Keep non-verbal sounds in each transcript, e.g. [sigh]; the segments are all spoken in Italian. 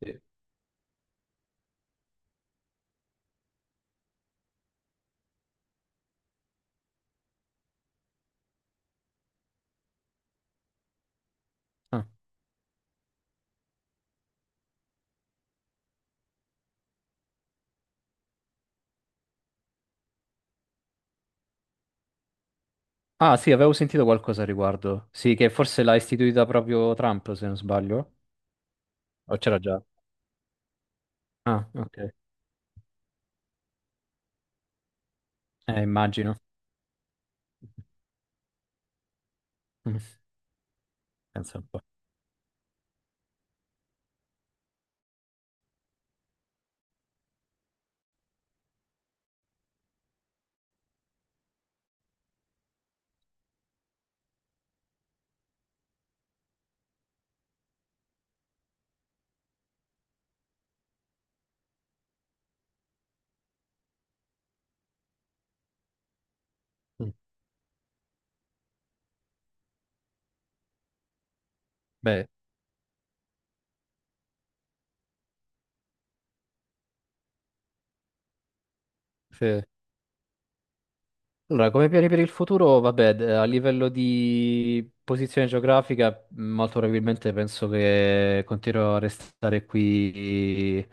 Sì. Ah. Ah, sì, avevo sentito qualcosa a riguardo. Sì, che forse l'ha istituita proprio Trump, se non sbaglio. O c'era già? Mm. Ah, ok. Immagino. [laughs] Mm. Pensa un po'. Mm. Beh, sì. Allora, come piani per il futuro, vabbè, a livello di posizione geografica, molto probabilmente penso che continuerò a restare qui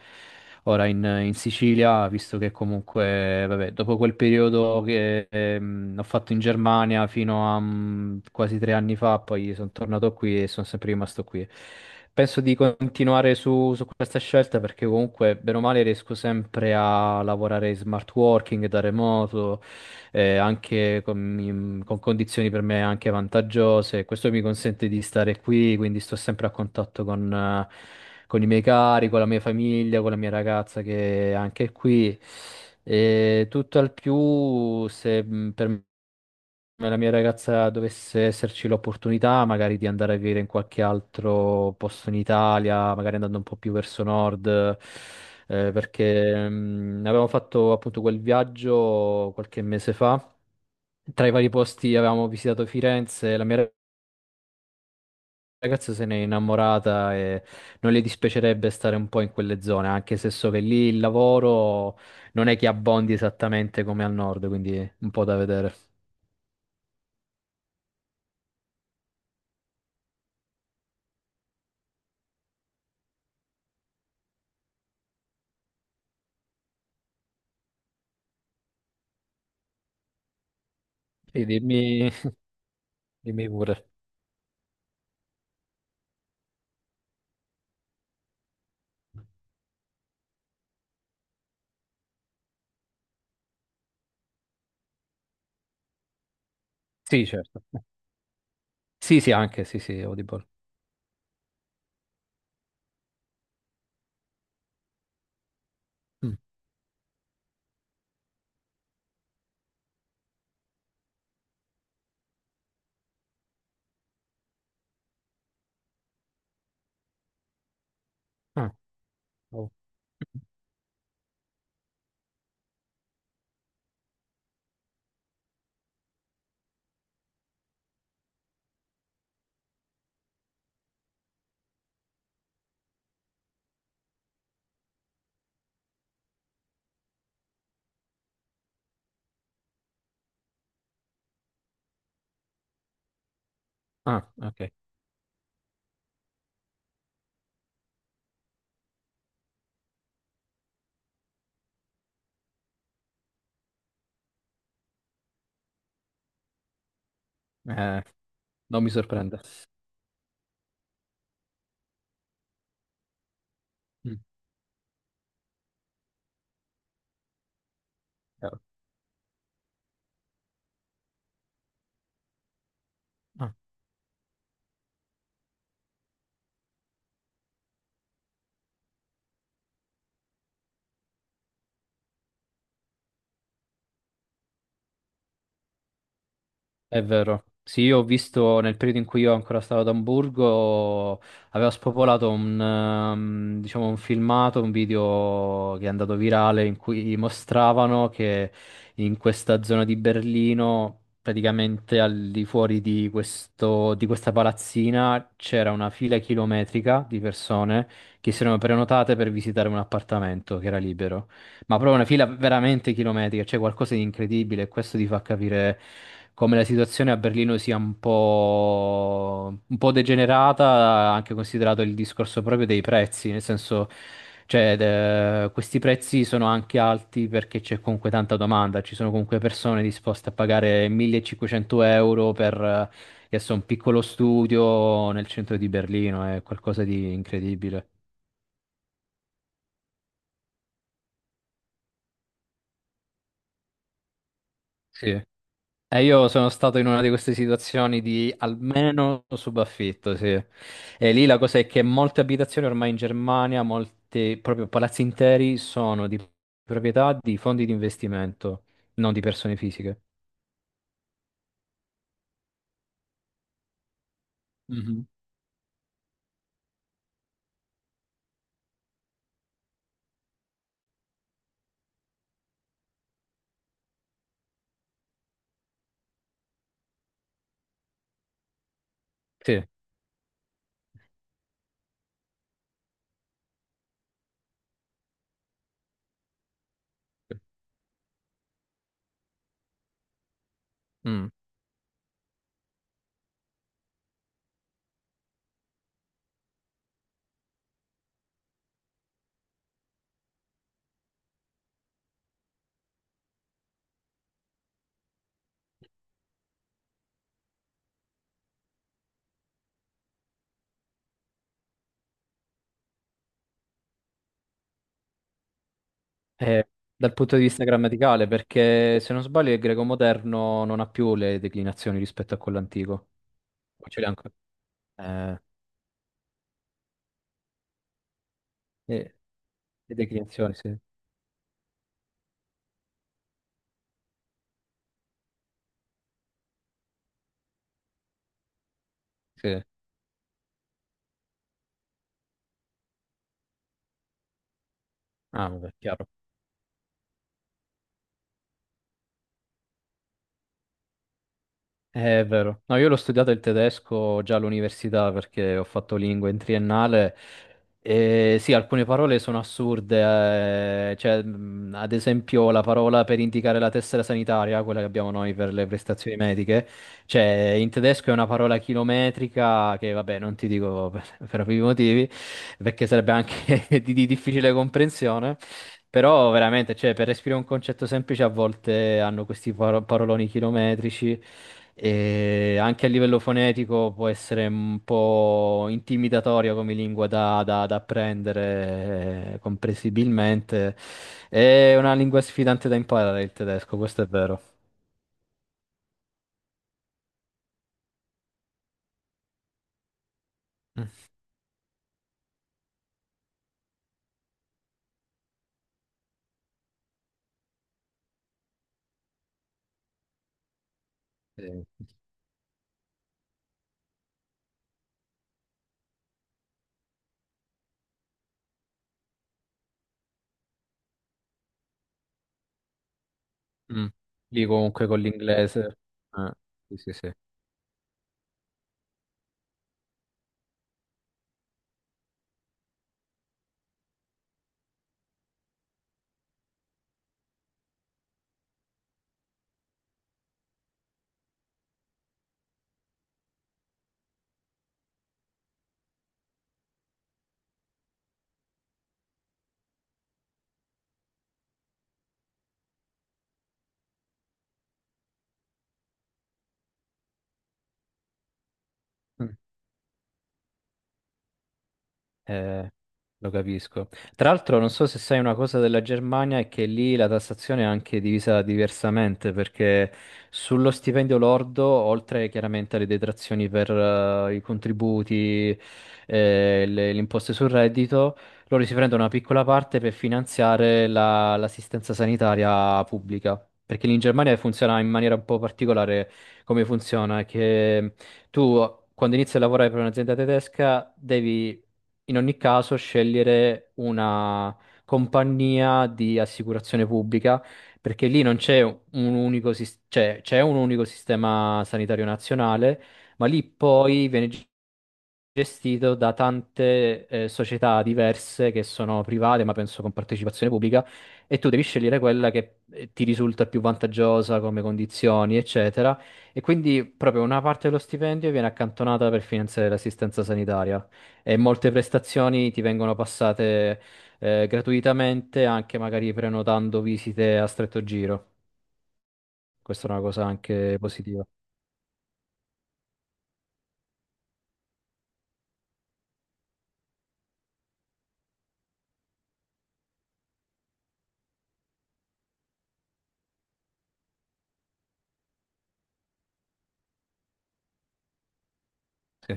ora in Sicilia, visto che comunque, vabbè, dopo quel periodo che ho fatto in Germania fino a quasi 3 anni fa, poi sono tornato qui e sono sempre rimasto qui. Penso di continuare su questa scelta perché comunque, bene o male, riesco sempre a lavorare in smart working da remoto, anche con, con condizioni per me anche vantaggiose. Questo mi consente di stare qui, quindi sto sempre a contatto con i miei cari, con la mia famiglia, con la mia ragazza che è anche qui. E tutto al più, se per me la mia ragazza dovesse esserci l'opportunità magari di andare a vivere in qualche altro posto in Italia, magari andando un po' più verso nord, perché avevamo fatto appunto quel viaggio qualche mese fa. Tra i vari posti avevamo visitato Firenze, la mia ragazza se n'è innamorata e non le dispiacerebbe stare un po' in quelle zone, anche se so che lì il lavoro non è che abbondi esattamente come al nord, quindi è un po' da vedere. E dimmi, dimmi pure. Sì, certo. Sì, sì, anche, sì, sì, Audible. Mm. Ah, oh. Ah, ok. Eh, non mi sorprende. Mm. Chiaro. È vero. Sì, io ho visto nel periodo in cui io ancora stavo ad Amburgo, aveva spopolato diciamo, un filmato, un video che è andato virale in cui mostravano che in questa zona di Berlino, praticamente al di fuori di questa palazzina, c'era una fila chilometrica di persone che si erano prenotate per visitare un appartamento che era libero. Ma proprio una fila veramente chilometrica, c'è qualcosa di incredibile e questo ti fa capire come la situazione a Berlino sia un po' degenerata, anche considerato il discorso proprio dei prezzi, nel senso, cioè, questi prezzi sono anche alti perché c'è comunque tanta domanda, ci sono comunque persone disposte a pagare 1500 euro per adesso un piccolo studio nel centro di Berlino, è qualcosa di incredibile. Sì. E io sono stato in una di queste situazioni di almeno subaffitto, sì. E lì la cosa è che molte abitazioni ormai in Germania, molti proprio palazzi interi sono di proprietà di fondi di investimento, non di persone fisiche. Mhm. Sì. Mm. Eh, dal punto di vista grammaticale, perché se non sbaglio il greco moderno non ha più le declinazioni rispetto a quello antico. O ce le ha ancora? Eh, le, le declinazioni, sì. Sì. Ah, vabbè, chiaro. È vero. No, io l'ho studiato il tedesco già all'università perché ho fatto lingue in triennale e sì, alcune parole sono assurde, cioè, ad esempio la parola per indicare la tessera sanitaria, quella che abbiamo noi per le prestazioni mediche, cioè in tedesco è una parola chilometrica che vabbè non ti dico [laughs] per ovvi motivi perché sarebbe anche [laughs] di difficile comprensione. Però veramente, cioè, per esprimere un concetto semplice a volte hanno questi paroloni chilometrici e anche a livello fonetico può essere un po' intimidatorio come lingua da apprendere, comprensibilmente. È una lingua sfidante da imparare il tedesco, questo è vero. Mm. Sì. Mm. Lì comunque con l'inglese. Eh. Eh, lo capisco. Tra l'altro, non so se sai una cosa della Germania, è che lì la tassazione è anche divisa diversamente, perché sullo stipendio lordo, oltre chiaramente alle detrazioni per i contributi, le imposte sul reddito, loro si prendono una piccola parte per finanziare l'assistenza sanitaria pubblica. Perché lì in Germania funziona in maniera un po' particolare come funziona, è che tu quando inizi a lavorare per un'azienda tedesca devi in ogni caso scegliere una compagnia di assicurazione pubblica, perché lì non c'è un unico, cioè, c'è un unico sistema sanitario nazionale, ma lì poi viene gestito da tante società diverse che sono private, ma penso con partecipazione pubblica, e tu devi scegliere quella che ti risulta più vantaggiosa come condizioni, eccetera. E quindi proprio una parte dello stipendio viene accantonata per finanziare l'assistenza sanitaria e molte prestazioni ti vengono passate gratuitamente, anche magari prenotando visite a stretto giro. Questa è una cosa anche positiva. Sì,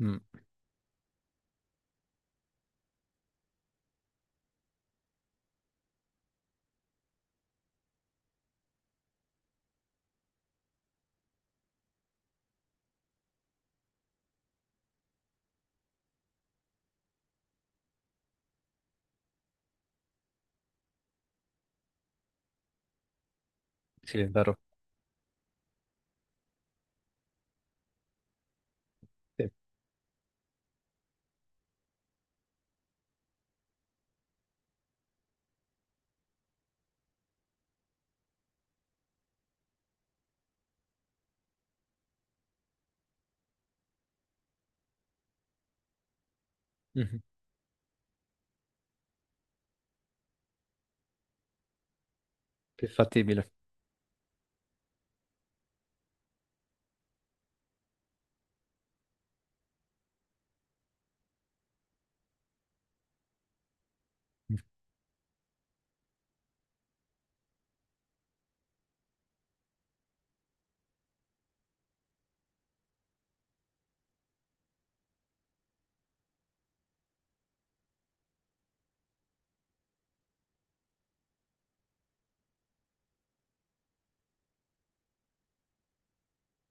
mm, sì, è vero. Sì. Mhm. Più fattibile. Mm.